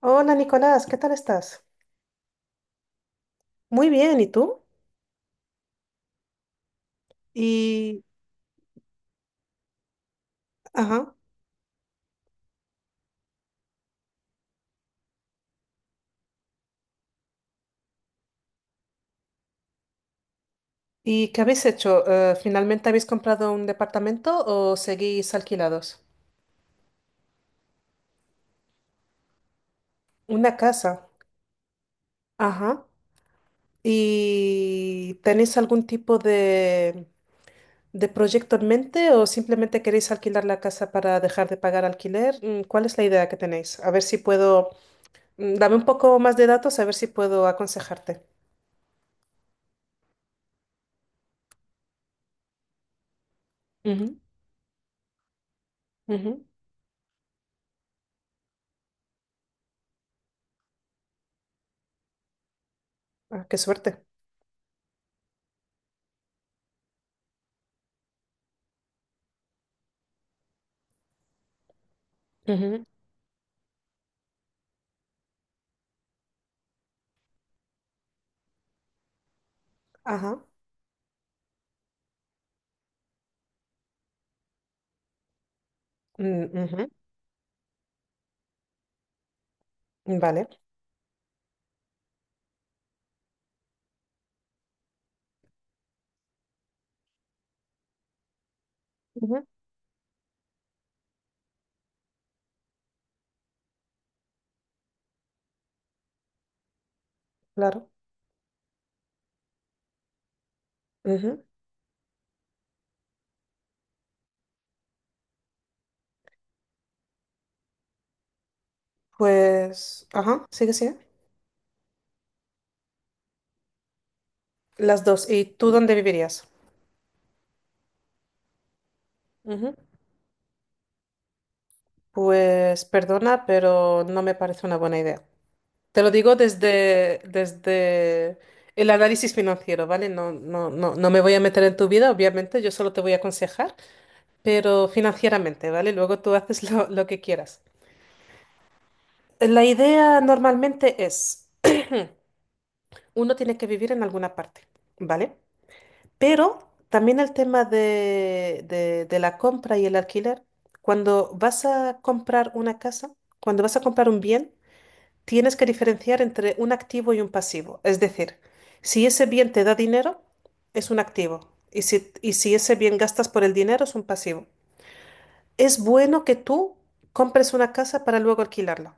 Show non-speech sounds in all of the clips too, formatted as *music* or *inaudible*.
Hola Nicolás, ¿qué tal estás? Muy bien, ¿y tú? Y, ajá, ¿y qué habéis hecho? ¿Finalmente habéis comprado un departamento o seguís alquilados? Una casa. Ajá. ¿Y tenéis algún tipo de proyecto en mente o simplemente queréis alquilar la casa para dejar de pagar alquiler? ¿Cuál es la idea que tenéis? A ver si puedo, dame un poco más de datos, a ver si puedo aconsejarte. Ujú, ujú. Ah, qué suerte. Ujú, ajá. Mm, ujú. Vale, ujú, claro. Ujú. Pues, ajá, sigue, sigue. Las dos. ¿Y tú dónde vivirías? Ujú. Pues, perdona, pero no me parece una buena idea. Te lo digo desde el análisis financiero, ¿vale? No, no, no, no me voy a meter en tu vida, obviamente, yo solo te voy a aconsejar, pero financieramente, ¿vale? Luego tú haces lo que quieras. La idea normalmente es, *clears throat* uno tiene que vivir en alguna parte, ¿vale? Pero también el tema de la compra y el alquiler. Cuando vas a comprar una casa, cuando vas a comprar un bien, tienes que diferenciar entre un activo y un pasivo. Es decir, si ese bien te da dinero, es un activo. Y si ese bien gastas por el dinero, es un pasivo. Es bueno que tú compres una casa para luego alquilarla.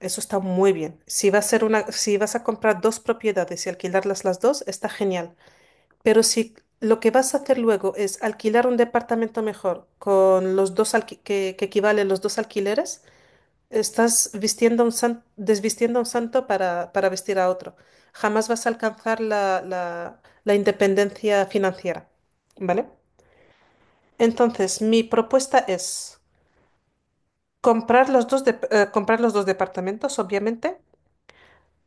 Eso está muy bien. Si va a ser una, si vas a comprar dos propiedades y alquilarlas las dos, está genial. Pero si lo que vas a hacer luego es alquilar un departamento mejor con los dos que equivalen los dos alquileres, estás vistiendo desvistiendo a un santo para vestir a otro. Jamás vas a alcanzar la independencia financiera, ¿vale? Entonces, mi propuesta es comprar los dos departamentos, obviamente,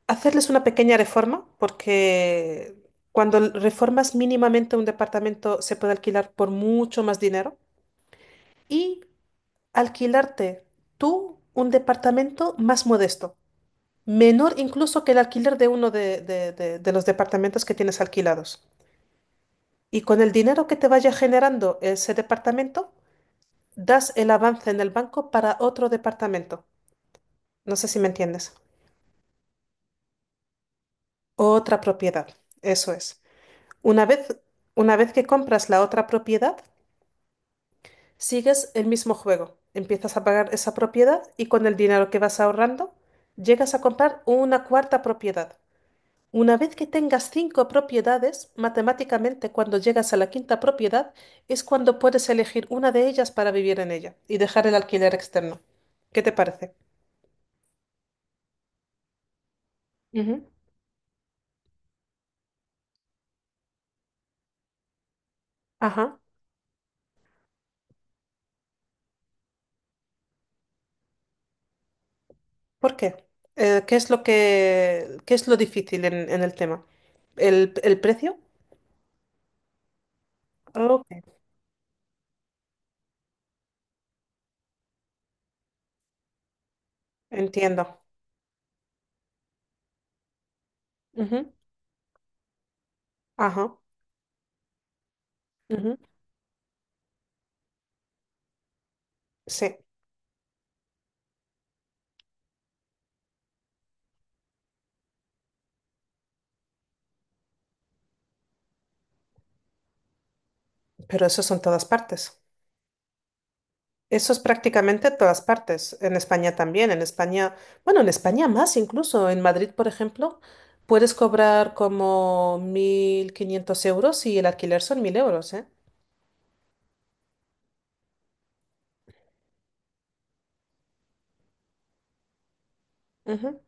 hacerles una pequeña reforma, porque cuando reformas mínimamente un departamento se puede alquilar por mucho más dinero y alquilarte tú un departamento más modesto, menor incluso que el alquiler de uno de los departamentos que tienes alquilados. Y con el dinero que te vaya generando ese departamento, das el avance en el banco para otro departamento. No sé si me entiendes. Otra propiedad, eso es. Una vez, una vez que compras la otra propiedad, sigues el mismo juego. Empiezas a pagar esa propiedad y con el dinero que vas ahorrando, llegas a comprar una cuarta propiedad. Una vez que tengas cinco propiedades, matemáticamente cuando llegas a la quinta propiedad es cuando puedes elegir una de ellas para vivir en ella y dejar el alquiler externo. ¿Qué te parece? Ujú. Ajá. ¿Por qué? ¿Qué es qué es lo difícil en el tema? ¿El precio? Ok. Entiendo. Ujú, ajá. Ujú, sí, pero eso son todas partes. Eso es prácticamente todas partes. En España también. En España, bueno, en España más incluso. En Madrid, por ejemplo, puedes cobrar como 1.500 euros y el alquiler son 1.000 euros, ¿eh? Ujú,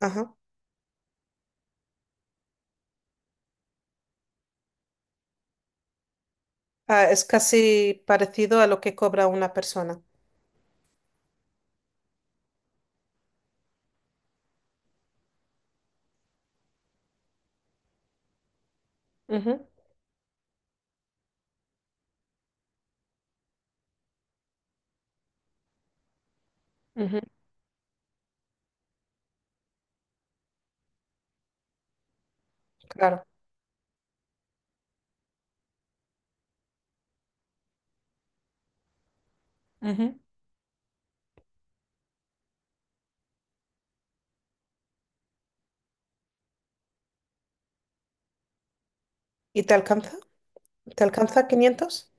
ajá. Ah, es casi parecido a lo que cobra una persona. Ujú, ujú, claro. Ujú. ¿Y te alcanza? ¿Te alcanza 500?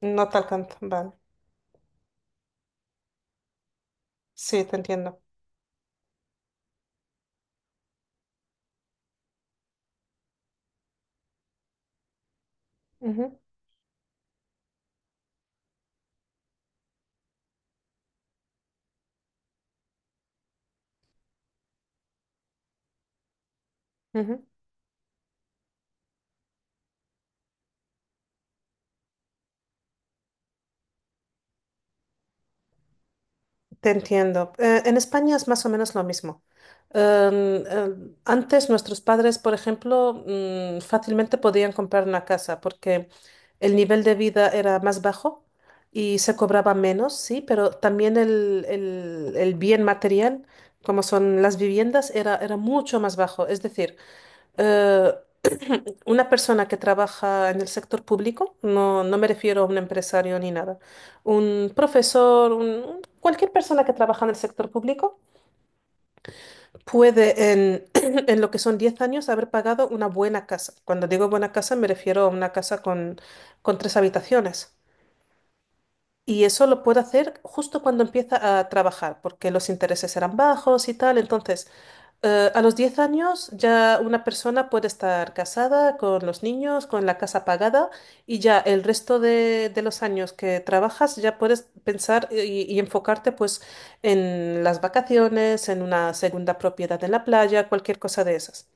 No te alcanza. Vale. Sí, te entiendo. Ujú, ujú. Te entiendo. En España es más o menos lo mismo. Antes nuestros padres, por ejemplo, fácilmente podían comprar una casa porque el nivel de vida era más bajo y se cobraba menos, sí, pero también el bien material, como son las viviendas, era mucho más bajo. Es decir, eh, una persona que trabaja en el sector público, no, no me refiero a un empresario ni nada, un profesor, cualquier persona que trabaja en el sector público puede *clears throat* en lo que son 10 años haber pagado una buena casa. Cuando digo buena casa me refiero a una casa con tres habitaciones. Y eso lo puede hacer justo cuando empieza a trabajar, porque los intereses eran bajos y tal. Entonces, a los 10 años ya una persona puede estar casada con los niños, con la casa pagada y ya el resto de los años que trabajas ya puedes pensar y enfocarte pues en las vacaciones, en una segunda propiedad en la playa, cualquier cosa de esas.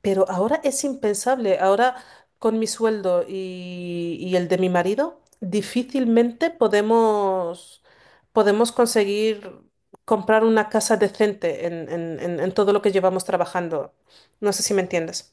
Pero ahora es impensable. Ahora, con mi sueldo y el de mi marido, difícilmente podemos conseguir comprar una casa decente en todo lo que llevamos trabajando. No sé si me entiendes.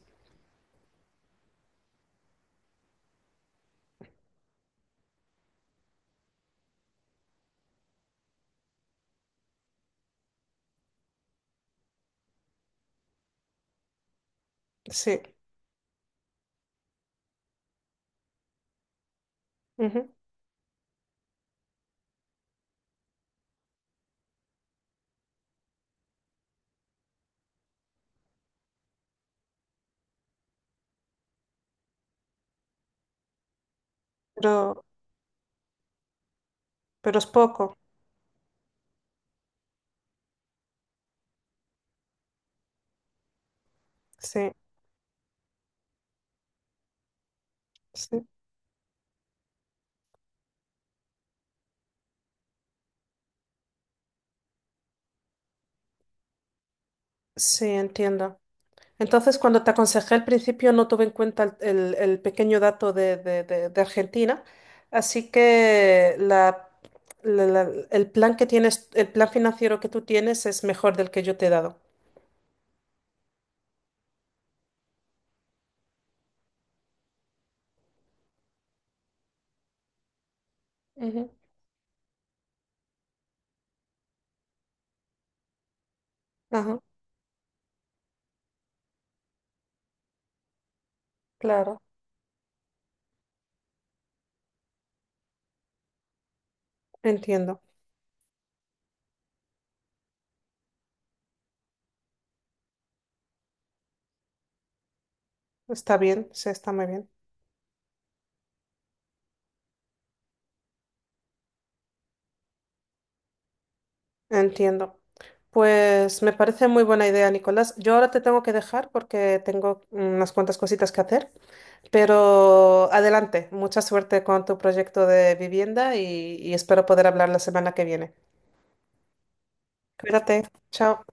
Sí. Ujú. Pero, pero es poco. Sí, sí. Sí, entiendo. Entonces, cuando te aconsejé al principio, no tuve en cuenta el pequeño dato de Argentina. Así que el plan que tienes, el plan financiero que tú tienes es mejor del que yo te he dado. Ujú. Ajá, claro, entiendo. Está bien, sí, está muy bien. Entiendo. Pues me parece muy buena idea, Nicolás. Yo ahora te tengo que dejar porque tengo unas cuantas cositas que hacer. Pero adelante, mucha suerte con tu proyecto de vivienda y espero poder hablar la semana que viene. Cuídate, chao.